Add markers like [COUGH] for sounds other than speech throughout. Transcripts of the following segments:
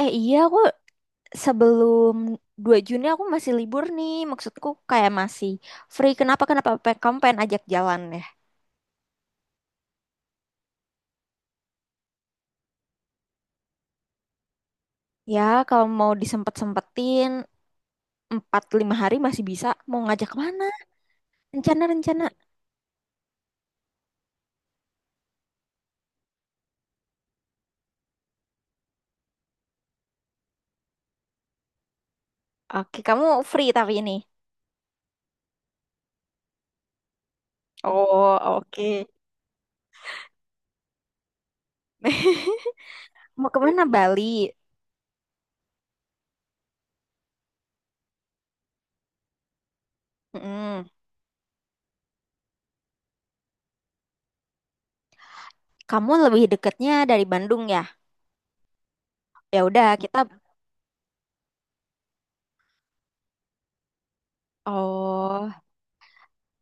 Iya, aku sebelum 2 Juni aku masih libur nih. Maksudku kayak masih free. Kenapa? Kenapa kamu pengen ajak jalan ya? Ya kalau mau disempet-sempetin 4-5 hari masih bisa. Mau ngajak mana? Rencana-rencana. Oke, kamu free tapi ini. Oh, oke. [LAUGHS] Mau kemana? Bali? Mm. Kamu lebih deketnya dari Bandung ya? Ya udah kita. Oh.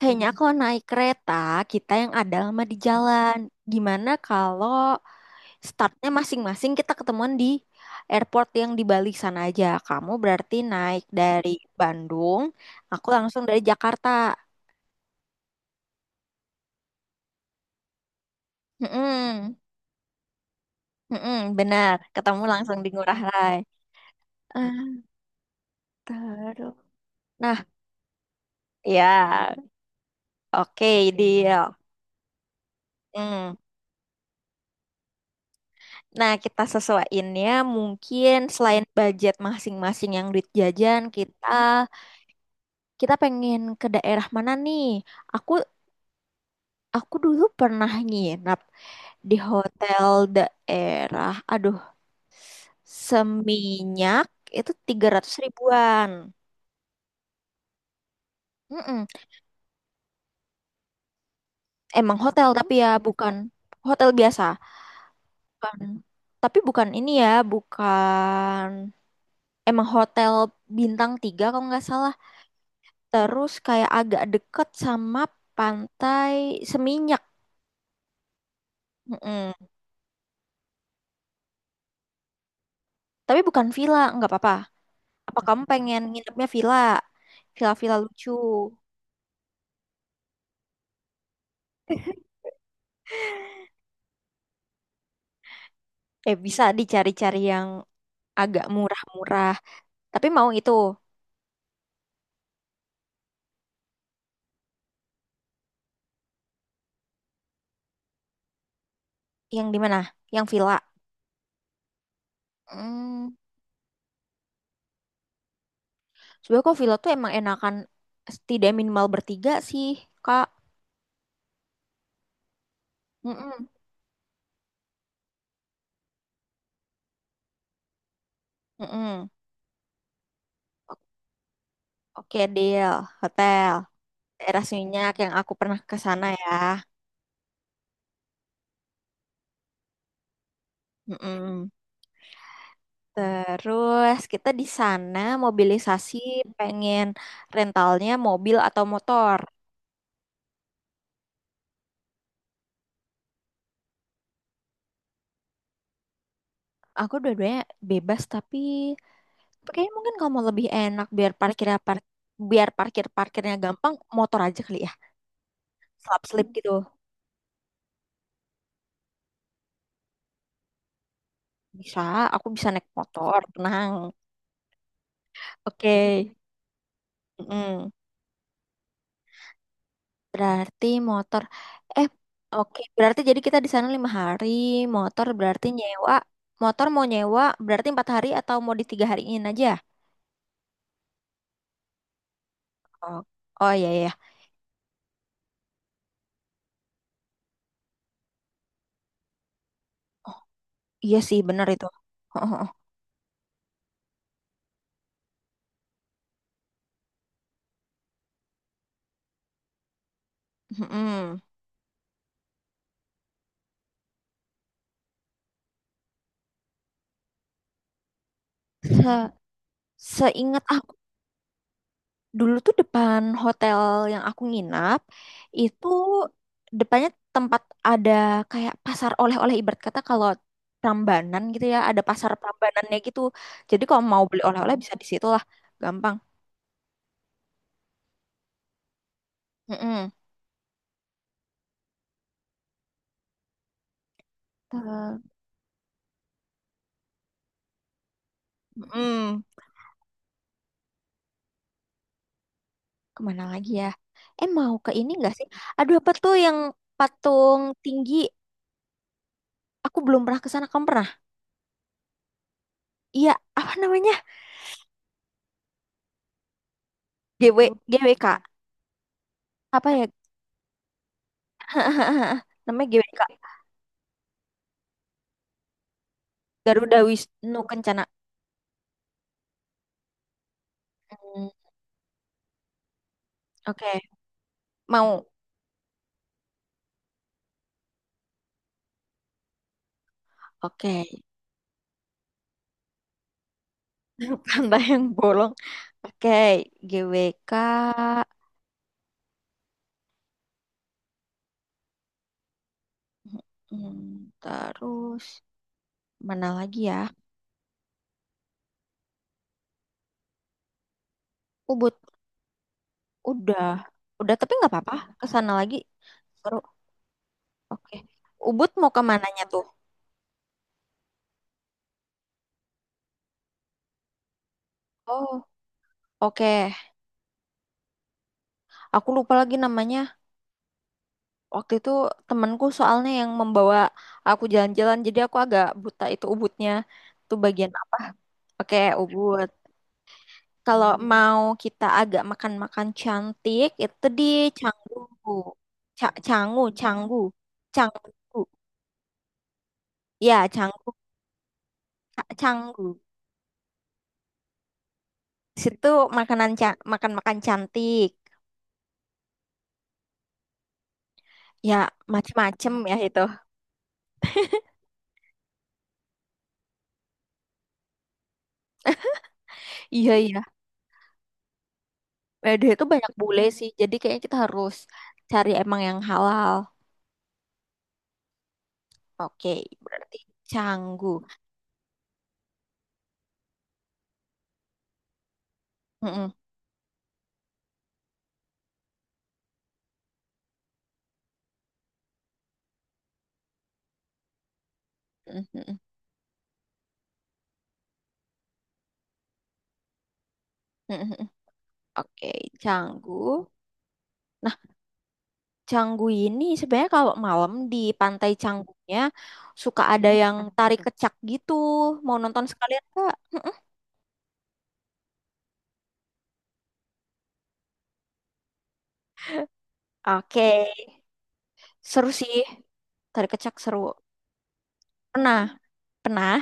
Kayaknya kalau naik kereta, kita yang ada lama di jalan. Gimana kalau startnya masing-masing kita ketemuan di airport yang di Bali sana aja. Kamu berarti naik dari Bandung, aku langsung dari Jakarta. Mm-mm, mm-mm, benar, ketemu langsung di Ngurah Rai. Ah, terus. Nah, ya, oke, deal. Mm. Nah, kita sesuaiinnya mungkin selain budget masing-masing yang duit jajan, kita kita pengen ke daerah mana nih? Aku aku dulu pernah nginap di hotel daerah, aduh, Seminyak, itu 300 ribuan. Mm-mm. Emang hotel, tapi ya bukan hotel biasa, bukan, tapi bukan ini ya bukan, emang hotel bintang 3 kalau nggak salah. Terus kayak agak deket sama pantai Seminyak. Mm-mm. Tapi bukan villa nggak apa-apa, apa kamu pengen nginepnya villa, villa-villa lucu? Bisa dicari-cari yang agak murah-murah. Tapi mau itu yang di mana? Yang villa. Hmm, sebenarnya kok villa tuh emang enakan tidak minimal bertiga sih, Kak. Mm-mm. Mm-mm. Oke, deal. Hotel. Daerah Seminyak yang aku pernah ke sana ya. Mm-mm. Terus kita di sana mobilisasi, pengen rentalnya mobil atau motor. Aku dua-duanya bebas, tapi kayaknya mungkin kalau mau lebih enak biar parkir parkirnya gampang, motor aja kali ya, slap slip gitu, bisa, aku bisa naik motor, tenang, oke. Mm-mm. Berarti motor, eh oke, berarti jadi kita di sana 5 hari, motor berarti nyewa motor, mau nyewa berarti 4 hari atau mau di 3 hariin aja. Oh, oh, iya, iya, iya sih bener itu. [LAUGHS] Mm-mm. Se seingat dulu tuh, depan hotel yang aku nginap itu, depannya tempat ada kayak pasar oleh-oleh, ibarat kata kalau Prambanan gitu ya, ada pasar Prambanannya gitu. Jadi kalau mau beli oleh-oleh bisa di situ lah, gampang. Mm-mm. Ter- mm-mm. Kemana lagi ya? Eh, mau ke ini nggak sih? Aduh, apa tuh yang patung tinggi? Aku belum pernah ke sana, kamu pernah? Iya, apa namanya? GW, GWK. Apa ya? [LAUGHS] Namanya GWK. Garuda Wisnu Kencana. Hmm, oke, mau. Oke. [LAUGHS] Tanda yang bolong. Oke, GWK. Hmm, terus mana lagi ya? Ubud. Udah. Udah, tapi nggak apa-apa. Ke sana lagi. Seru. Oke. Ubud mau ke mananya tuh? Oh, oke. Aku lupa lagi namanya. Waktu itu temanku soalnya yang membawa aku jalan-jalan, jadi aku agak buta itu Ubudnya. Itu bagian apa? Oke, Ubud. Kalau mau kita agak makan-makan cantik, itu di Canggu. Canggu, Canggu. Canggu. Ya, Canggu. Canggu. Situ makanan, makan-makan cantik. Ya, macem-macem ya itu. Iya, iya. Eh, dia itu banyak bule sih. Jadi kayaknya kita harus cari emang yang halal. Oke, berarti Canggu. Mm-mm, mm-mm, mm-mm. Oke, Canggu. Canggu ini sebenarnya kalau malam di Pantai Canggunya suka ada yang tarik kecak gitu. Mau nonton sekalian Kak? Mm-mm. Oke, seru sih. Tarik kecak seru. Pernah, pernah.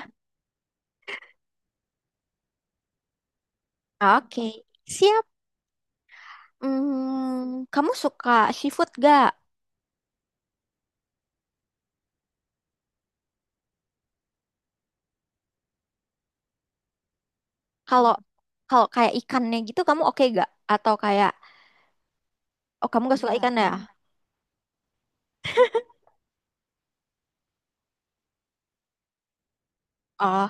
Oke, siap. Hmm, kamu suka seafood gak? Kalau kalau kayak ikannya gitu kamu oke gak? Atau kayak, oh kamu gak suka ikan ya? Oh,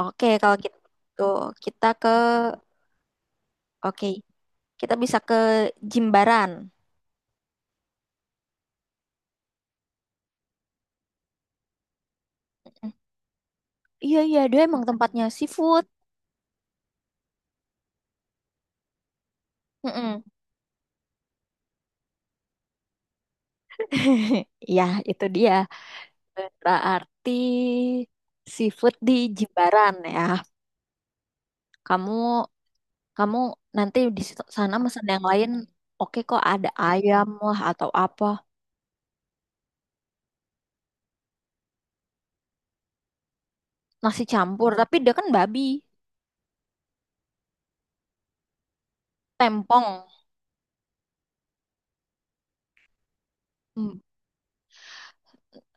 oke kalau gitu kita ke oke, kita bisa ke Jimbaran. Iya, iya, dia emang tempatnya seafood. Mm-mm. [LAUGHS] Iya, itu dia. Berarti seafood di Jimbaran ya. Kamu kamu nanti di sana pesan yang lain, oke kok, ada ayam lah atau apa. Nasi campur, tapi dia kan babi. Tempong. Hmm,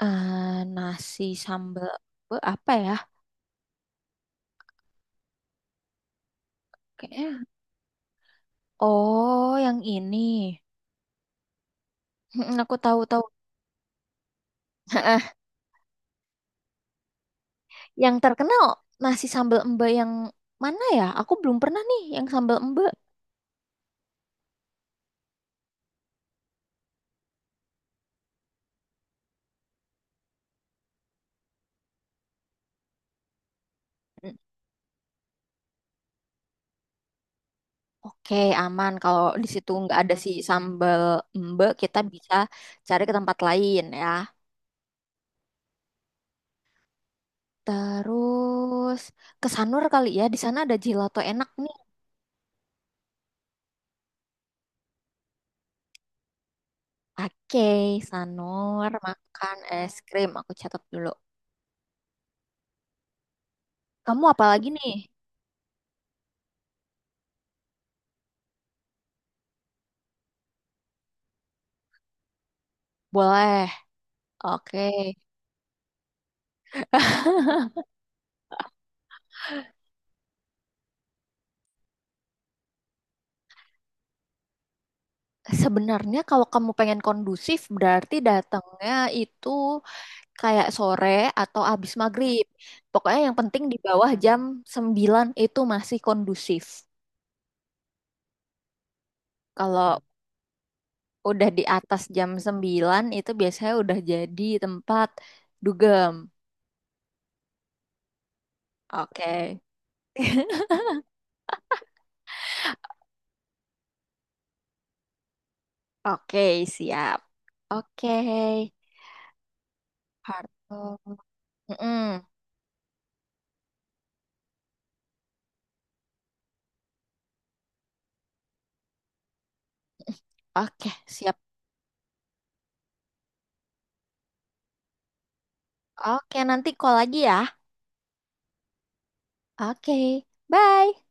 nasi sambal apa ya? Kayaknya. Oh, yang ini. Aku tahu-tahu. [LAUGHS] Yang terkenal nasi sambal emba yang mana ya? Aku belum pernah nih yang sambal emba. Mm, oke, aman. Kalau di situ nggak ada si sambal emba, kita bisa cari ke tempat lain ya. Terus ke Sanur kali ya. Di sana ada gelato enak nih. Oke, Sanur makan es krim. Aku catat dulu. Kamu apa lagi nih? Boleh. Oke. [LAUGHS] Sebenarnya kalau kamu pengen kondusif berarti datangnya itu kayak sore atau abis maghrib. Pokoknya yang penting di bawah jam 9 itu masih kondusif. Kalau udah di atas jam 9 itu biasanya udah jadi tempat dugem. Oke. [LAUGHS] Oke, siap. Oke. Harto. Mm-mm. Oke, siap. Oke, nanti call lagi ya. Oke, bye.